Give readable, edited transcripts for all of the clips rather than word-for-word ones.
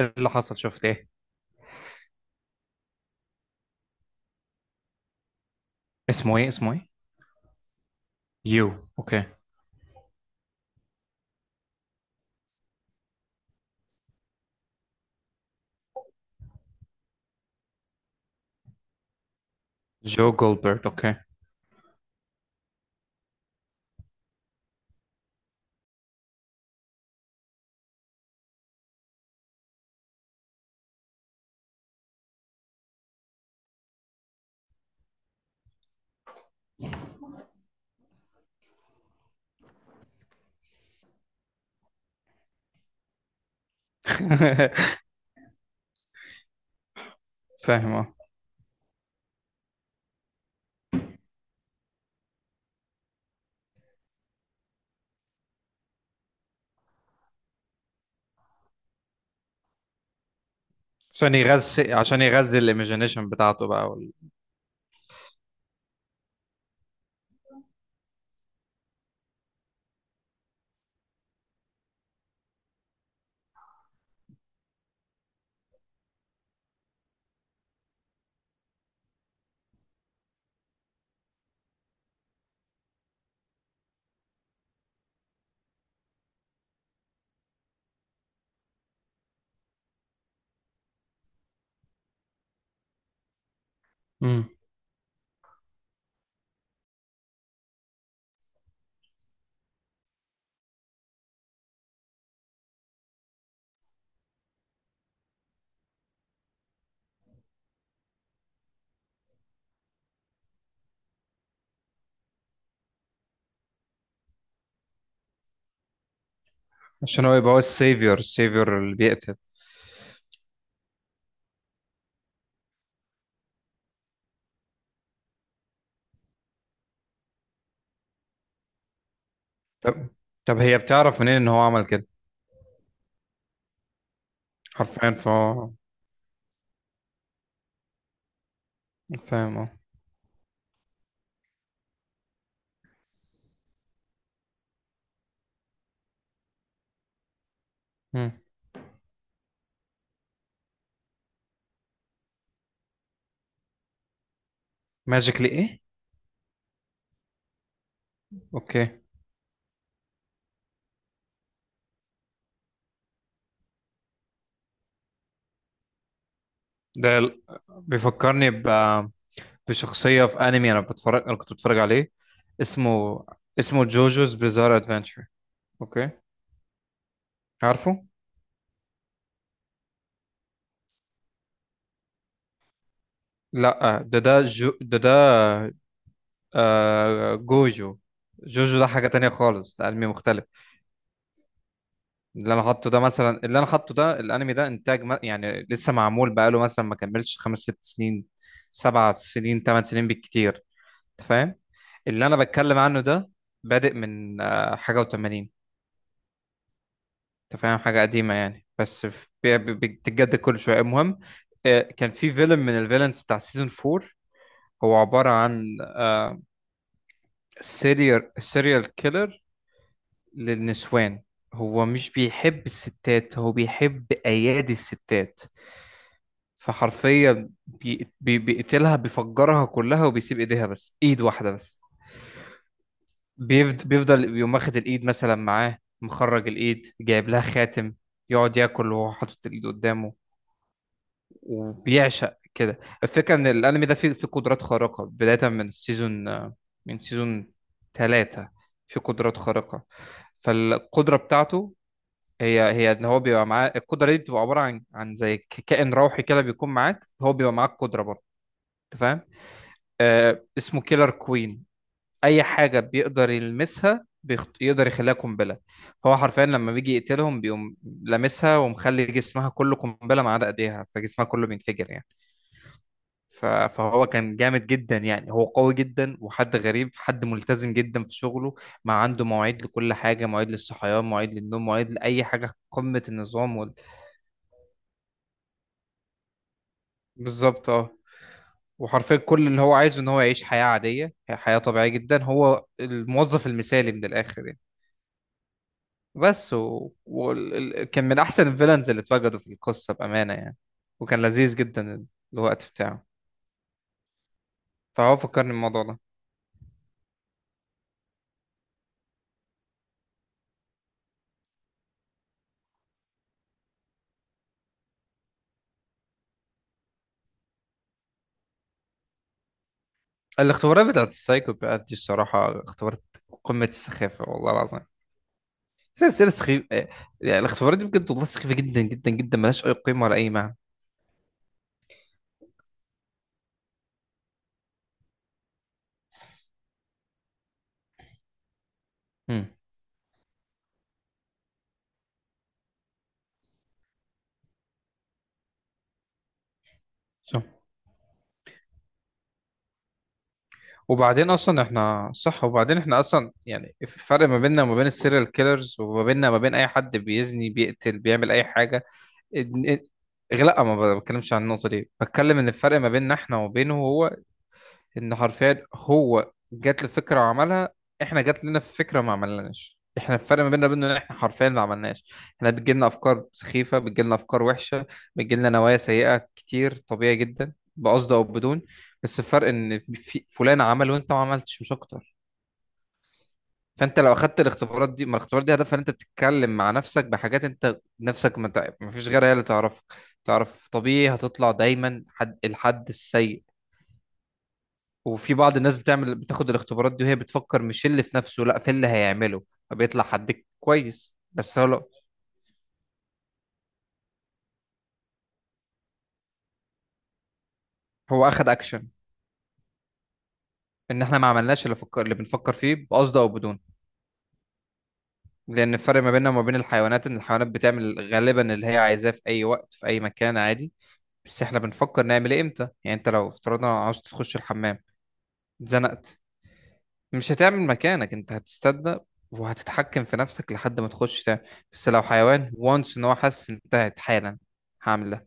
إيه اللي حصل؟ شفت ايه؟ اسمه ايه؟ يو. اوكي. جو جولبرت. اوكي. فاهم اه. عشان يغذي الايميجينيشن بتاعته بقى وال... مم. عشان هو يبقى هو السيفيور اللي بيقتل. طب طب هي بتعرف منين ان هو عمل كده؟ حرفيا فهو فاهم اه. ماجيكلي ايه؟ اوكي. ده ال- بيفكرني بشخصية في انمي، انا كنت بتفرج عليه، اسمه جوجوز بيزار ادفنتشر. اوكي. عارفه. لا، ده ده جو، ده آه، جوجو. جوجو ده حاجة تانية خالص، ده أنمي مختلف. اللي أنا حاطه ده مثلا، اللي أنا حاطه ده، الأنمي ده إنتاج ما يعني لسه معمول، بقاله مثلا ما كملش 5 6 سنين، 7 سنين، 8 سنين بالكتير. أنت فاهم؟ اللي أنا بتكلم عنه ده بادئ من حاجة و80. أنت فاهم؟ حاجة قديمة يعني، بس بتتجدد كل شوية. المهم، آه، كان في فيلم من الفيلنز بتاع سيزون 4. هو عبارة عن سيريال كيلر للنسوان. هو مش بيحب الستات، هو بيحب أيادي الستات. فحرفيا بيقتلها، بيفجرها كلها وبيسيب ايديها، بس ايد واحدة بس. بيفضل يقوم واخد الايد مثلا معاه، مخرج الايد جايب لها خاتم، يقعد ياكل وهو حاطط الايد قدامه. وبيعشق كده الفكرة. ان الانمي ده فيه قدرات خارقة بداية من السيزون، من سيزون 3 في قدرات خارقة. فالقدرة بتاعته هي ان هو بيبقى معاه القدره دي، بتبقى عباره عن زي كائن روحي كده بيكون معاك، هو بيبقى معاك قدره برضه. انت فاهم؟ اسمه كيلر كوين. اي حاجه بيقدر يلمسها يقدر يخليها قنبله. فهو حرفيا لما بيجي يقتلهم بيقوم لامسها، ومخلي جسمها كله قنبله ما عدا ايديها، فجسمها كله بينفجر يعني. فهو كان جامد جدا يعني، هو قوي جدا وحد غريب، حد ملتزم جدا في شغله. ما عنده مواعيد لكل حاجه، مواعيد للصحيان، مواعيد للنوم، مواعيد لاي حاجه. قمه النظام وال... بالظبط اه. وحرفيا كل اللي هو عايزه ان هو يعيش حياة عادية، حياة طبيعية جدا. هو الموظف المثالي من الاخر يعني. بس كان من احسن الفيلنز اللي اتوجدوا في القصة بأمانة يعني، وكان لذيذ جدا الوقت بتاعه. فهو فكرني الموضوع ده. الاختبارات بتاعت السايكوباث دي الصراحة اختبارات قمة السخافة، والله العظيم. سلسلة سخيف. يعني الاختبارات دي بجد والله سخيفة جدا جدا جدا، ملهاش أي قيمة ولا أي معنى. امم. صح. وبعدين اصلا احنا صح، وبعدين احنا اصلا يعني، الفرق ما بيننا وما بين السيريال كيلرز، وما بيننا وما بين اي حد بيزني، بيقتل، بيعمل اي حاجه. إن- إن- لا، ما بتكلمش عن النقطه دي، بتكلم ان الفرق ما بيننا احنا وبينه، هو ان حرفيا هو جات له فكره وعملها، احنا جات لنا فكره ما عملناش. احنا الفرق ما بيننا وبينه ان احنا حرفيا ما عملناش. احنا بتجيلنا افكار سخيفه، بتجيلنا افكار وحشه، بتجيلنا نوايا سيئه كتير، طبيعي جدا، بقصد او بدون. بس الفرق ان في فلان عمل وانت ما عملتش، مش اكتر. فانت لو اخدت الاختبارات دي، ما الاختبارات دي هدفها ان انت بتتكلم مع نفسك بحاجات انت نفسك ما فيش غيرها هي اللي تعرفك. تعرف طبيعي هتطلع دايما حد، الحد السيء. وفي بعض الناس بتعمل بتاخد الاختبارات دي وهي بتفكر مش اللي في نفسه، لا في اللي هيعمله، فبيطلع حد كويس، بس هو لأ، هو اخد اكشن. ان احنا ما عملناش اللي فكر، اللي بنفكر فيه بقصد او بدون. لان الفرق ما بيننا وما بين الحيوانات، ان الحيوانات بتعمل غالبا اللي هي عايزاه في اي وقت في اي مكان عادي. بس احنا بنفكر نعمل ايه امتى. يعني انت لو افترضنا عاوز تخش الحمام، اتزنقت، مش هتعمل مكانك، انت هتستنى وهتتحكم في نفسك لحد ما تخش تعمل. بس لو حيوان وانس ان هو حاسس، انتهت حالا، هعمل ده.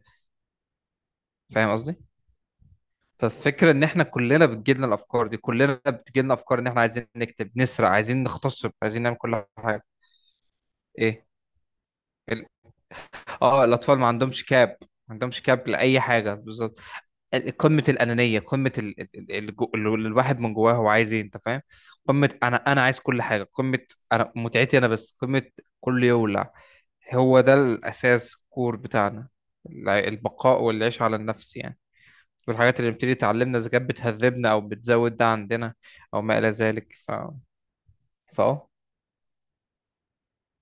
فاهم قصدي؟ فالفكره ان احنا كلنا بتجيلنا الافكار دي، كلنا بتجيلنا افكار ان احنا عايزين نكتب، نسرق، عايزين نغتصب، عايزين نعمل كل حاجه. ايه؟ اه، الاطفال ما عندهمش كاب، ما عندهمش كاب لاي حاجه بالظبط. قمه الانانيه، قمه الواحد من جواه هو عايز ايه؟ انت فاهم؟ قمه انا عايز كل حاجه. قمه انا متعتي انا بس. قمه كل يولع. هو ده الاساس، كور بتاعنا. البقاء والعيش على النفس يعني. والحاجات اللي بتبتدي تعلمنا إذا كانت بتهذبنا أو بتزود ده عندنا، أو ما إلى ذلك فأه،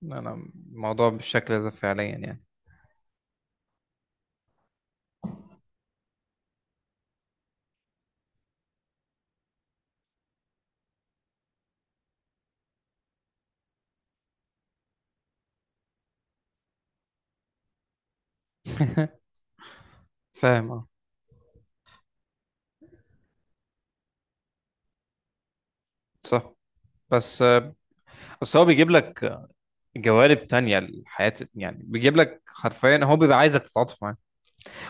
أنا الموضوع بالشكل ده فعليا يعني. فاهم أه. صح. بس، بس هو بيجيب لك جوانب تانية للحياة يعني، بيجيب لك حرفيا، هو بيبقى عايزك تتعاطف معاه.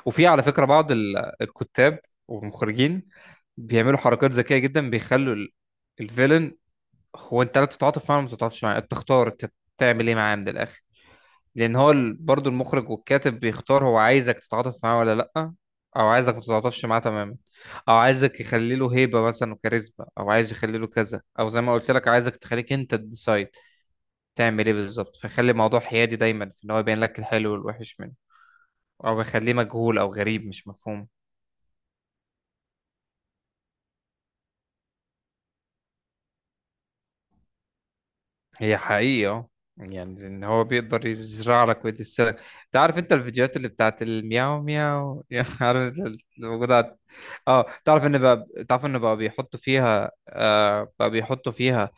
وفي على فكرة بعض الكتاب والمخرجين بيعملوا حركات ذكية جدا، بيخلوا الفيلن، هو انت لا تتعاطف معاه ولا ما تتعاطفش معاه، انت تختار انت تعمل ايه معاه من الاخر. لان هو برضو المخرج والكاتب بيختار هو عايزك تتعاطف معاه ولا لا، او عايزك ما تتعاطفش معاه تماما، او عايزك يخلي له هيبه مثلا وكاريزما، او عايز يخلي له كذا، او زي ما قلت لك عايزك تخليك انت تديسايد تعمل ايه بالظبط، فيخلي الموضوع حيادي دايما، في ان هو يبين لك الحلو والوحش منه، او يخليه مجهول او غريب مش مفهوم. هي حقيقة اه. يعني ان هو بيقدر يزرع لك ويدسلك. انت عارف، انت الفيديوهات اللي بتاعت المياو مياو يعني عارف، انت اللي موجودة على- اه. تعرف ان بقى بيحطوا فيها، آه، بقى بيحطوا فيها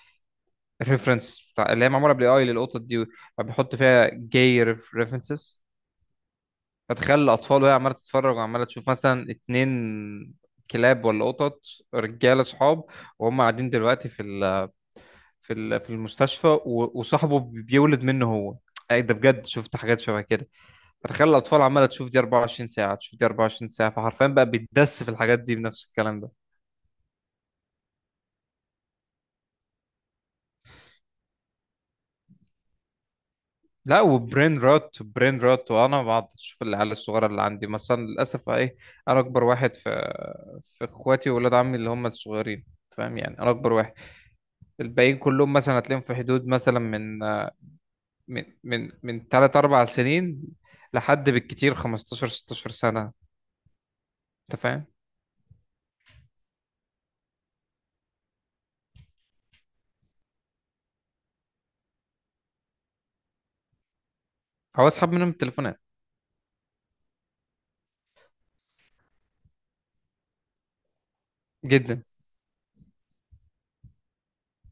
ريفرنس بتاع اللي هي معمولة بالاي اي للقطط دي. بقى بيحطوا فيها جاي ريفرنسز. فتخيل الاطفال وهي عمالة تتفرج وعمالة تشوف مثلا 2، كلاب ولا قطط، رجالة صحاب وهم قاعدين دلوقتي في المستشفى وصاحبه بيولد منه هو. اي ده بجد، شفت حاجات شبه كده. فتخيل الاطفال عماله تشوف دي 24 ساعه، تشوف دي 24 ساعه، فحرفيا بقى بيتدس في الحاجات دي بنفس الكلام ده. لا، وبرين روت وانا بقعد اشوف العيال الصغيره اللي عندي مثلا للاسف ايه. انا اكبر واحد في اخواتي واولاد عمي اللي هم الصغيرين. فاهم يعني؟ انا اكبر واحد، الباقيين كلهم مثلا هتلاقيهم في حدود مثلا من 3 4 سنين لحد بالكتير 15 16 سنه. انت فاهم؟ هو اسحب منهم التليفونات. جدا.